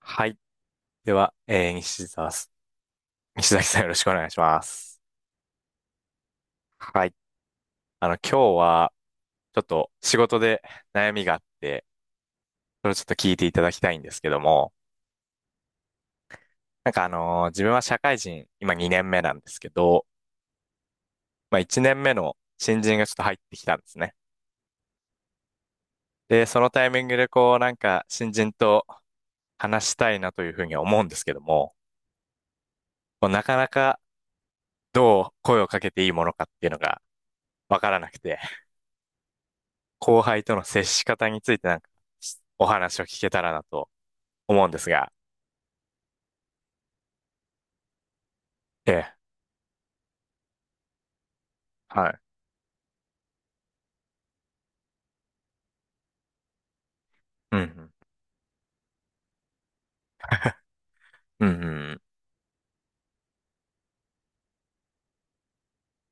はい。では、西澤す、西崎さんよろしくお願いします。はい。今日は、ちょっと仕事で悩みがあって、それをちょっと聞いていただきたいんですけども、なんか自分は社会人、今2年目なんですけど、まあ1年目の新人がちょっと入ってきたんですね。で、そのタイミングでこう、なんか新人と話したいなというふうに思うんですけども、こうなかなかどう声をかけていいものかっていうのがわからなくて、後輩との接し方についてなんか、お話を聞けたらなと思うんですが。ええ、はい。うん、うん、うん、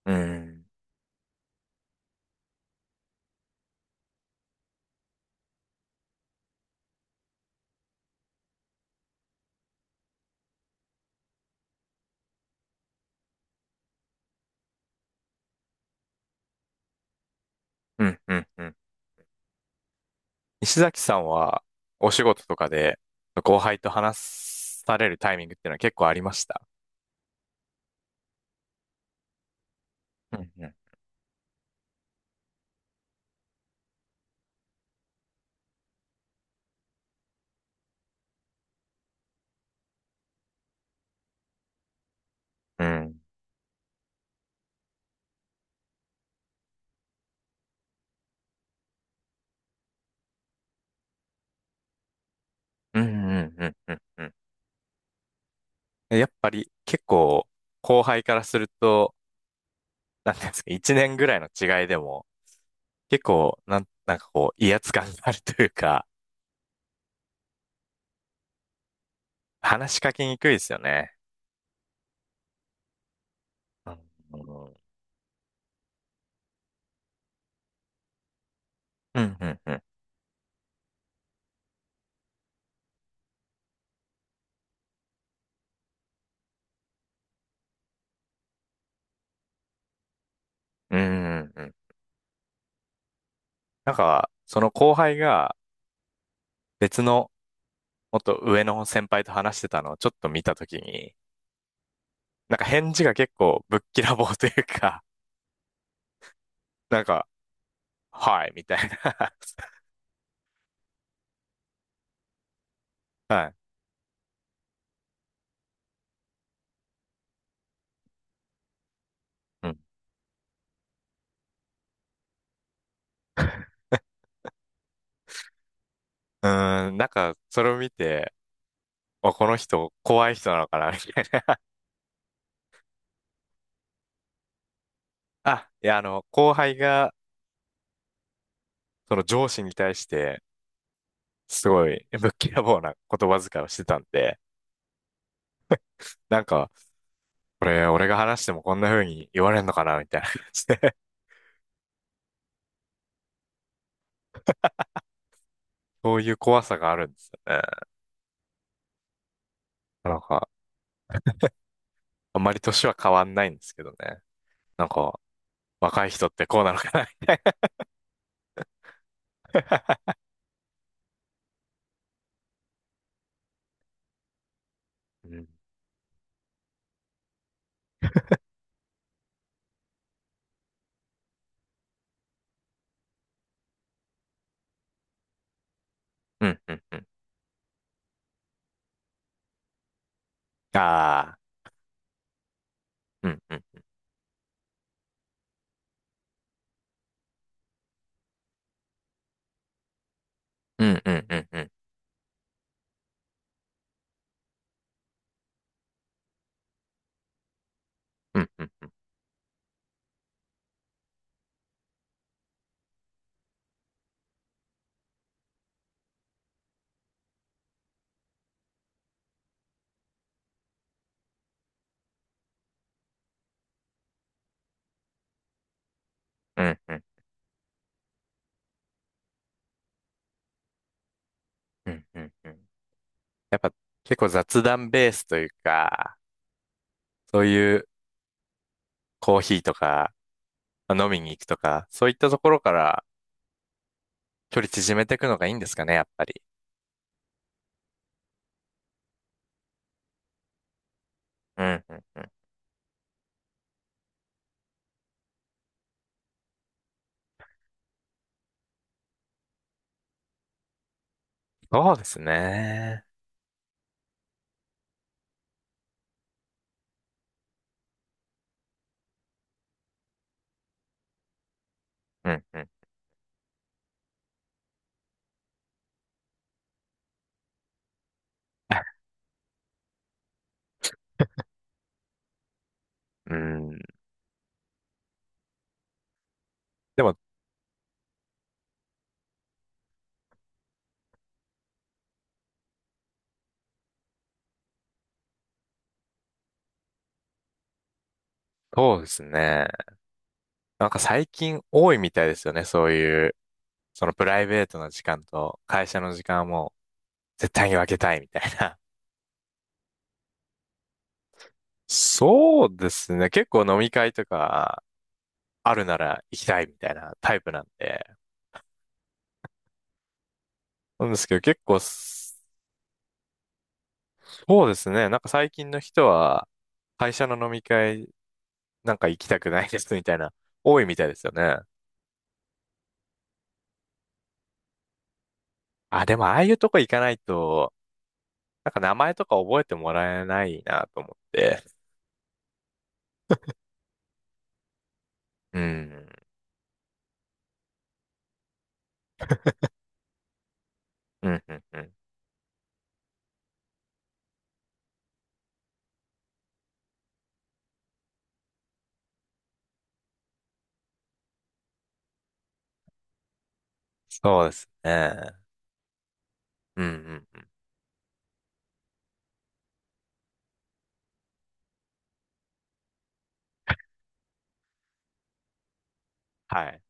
うん、うん、うん、うん。石崎さんは、お仕事とかで、後輩と話されるタイミングっていうのは結構ありました？うん、うん、うん、うん、うん、うん、うんうん。やっぱり結構、後輩からすると、なんていうんですか、一年ぐらいの違いでも、結構、なんかこう、威圧感があるというか、話しかけにくいですよね。うんうん、うん、うん。うん、うん。うん。なんか、その後輩が別のもっと上の先輩と話してたのをちょっと見たときに、なんか返事が結構ぶっきらぼうというか、なんか、はい、みたいな。はい。うん。うーん、なんか、それを見て、あ、この人、怖い人なのかな、みたいな。あ、いや、あの、後輩が、その上司に対して、すごい、ぶっきらぼうな言葉遣いをしてたんで、なんか、これ、俺が話してもこんな風に言われんのかな、みたいな感じで、そういう怖さがあるんですよね。なんか、あんまり年は変わんないんですけどね。なんか、若い人ってこうなのかな。うん、うん、うん、うん。ああ、うん、うん、うん、うん、うん、うん、うん、うん、うん、うん、うん、うん、うん。やっぱ、結構雑談ベースというか、そういうコーヒーとか、まあ飲みに行くとか、そういったところから距離縮めていくのがいいんですかね、やっぱり？うん、うん、うん。そうですね。うん、うん、うん。でも、そうですね。なんか最近多いみたいですよね。そういう、そのプライベートの時間と会社の時間はもう絶対に分けたいみたいな。そうですね。結構飲み会とかあるなら行きたいみたいなタイプなんで。なんですけど結構そうですね。なんか最近の人は会社の飲み会なんか行きたくないですみたいな、多いみたいですよね。あ、でもああいうとこ行かないとなんか名前とか覚えてもらえないなと思って。うん。うんうんうん。そうですね。うんうん。はい。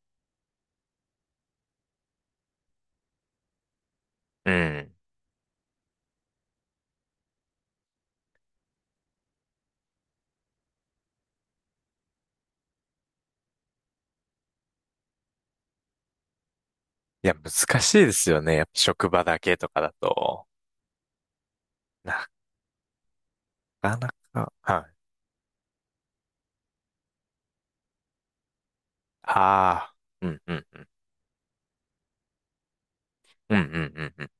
うん。いや、難しいですよね。やっぱ職場だけとかだと。なかなか。はい。ああ。うんうんうん。うんうんうんうん。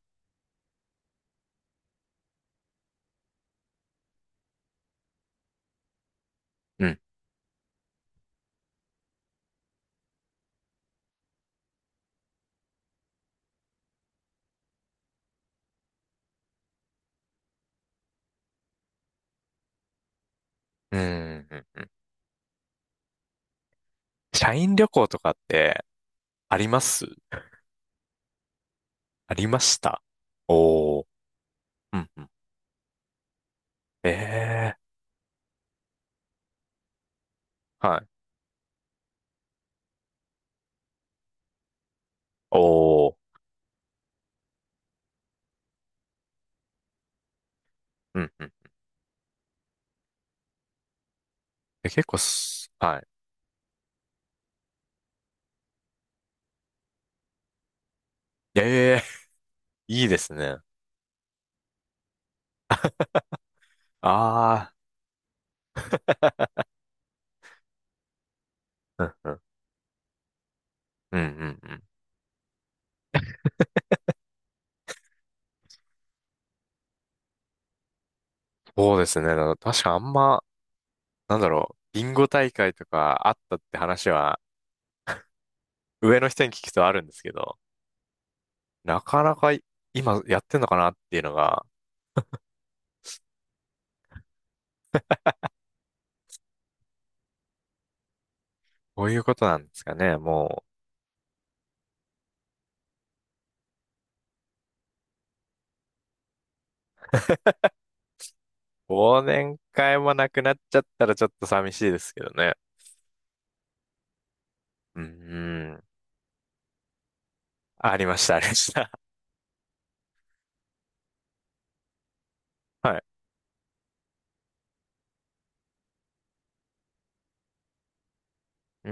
うん。うんうんうん。社員旅行とかってあります？ありました。おー。うんうん。ええー。はい。おー。うんうん。え、結構す、はい。ええー、いいですね。ああ。うんうん。うんうんうん。そうですね。だから確か、なんだろう、ビンゴ大会とかあったって話は、上の人に聞くとあるんですけど、なかなか今やってんのかなっていうのが、こういうことなんですかね。もう、忘年会もなくなっちゃったらちょっと寂しいですけどね。うん、うん。ありました、ありました。はい。うー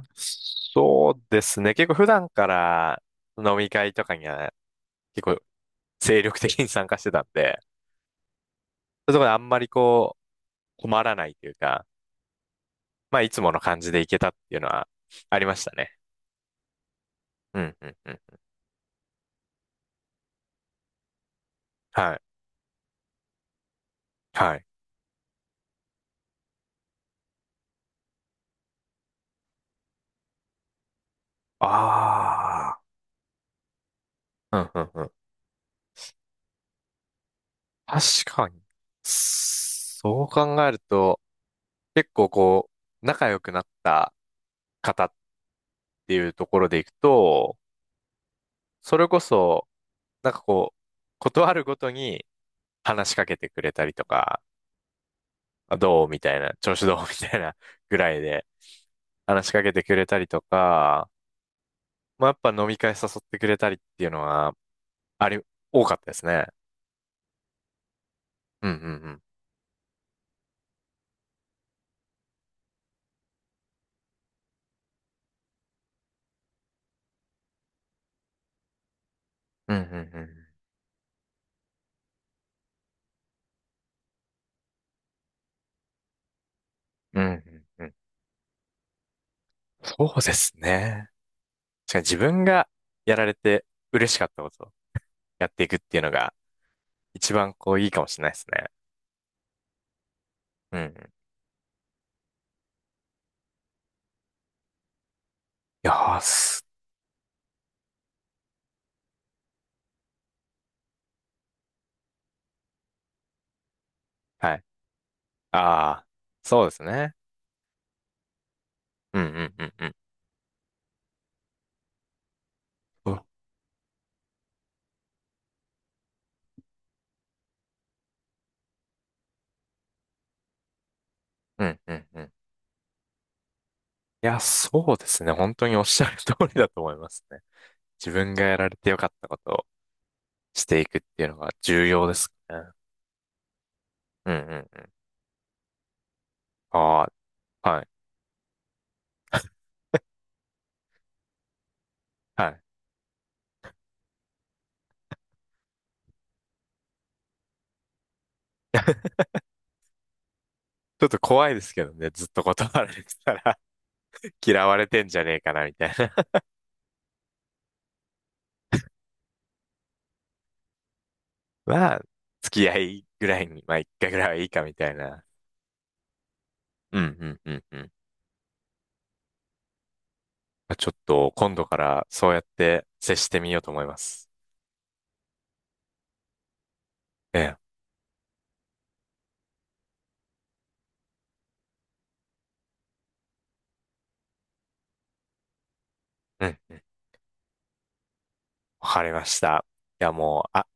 ん、そうですね。結構普段から飲み会とかには結構精力的に参加してたんで、そういうところであんまりこう、困らないというか、まあ、いつもの感じでいけたっていうのはありましたね。うん、うん、うん。はい、はい。ああ、うん、うん、うん。確かに。そう考えると、結構こう、仲良くなった方っていうところでいくと、それこそ、なんかこう、断るごとに話しかけてくれたりとか、あどうみたいな、調子どうみたいなぐらいで話しかけてくれたりとか、まあ、やっぱ飲み会誘ってくれたりっていうのは、あり、多かったですね。うんうんうん。うんうんうん。うんうんうん。そうですね。確かに自分がやられて嬉しかったことをやっていくっていうのが一番こういいかもしれないですね。うんうん。よーす。はい。ああ、そうですね。うんうんうんうん。そう。うんうんうん。いや、そうですね。本当におっしゃる通りだと思いますね。自分がやられてよかったことをしていくっていうのが重要ですね。うんうん。ああ、はい、はい。ちょっと怖いですけどね、ずっと断られてたら。 嫌われてんじゃねえかな、みたいな。 まあ、付き合いぐらいに、まあ一回ぐらいはいいか、みたいな。うん、うん、うん、うん。まあ、ちょっと、今度からそうやって接してみようと思います。ええ、うん、うん。わかりました。いや、もう、あ、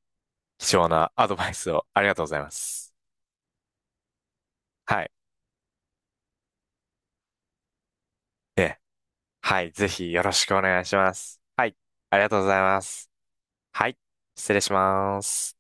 貴重なアドバイスをありがとうございます。はい、ええ、はい、ぜひよろしくお願いします。はい、ありがとうございます。はい、失礼します。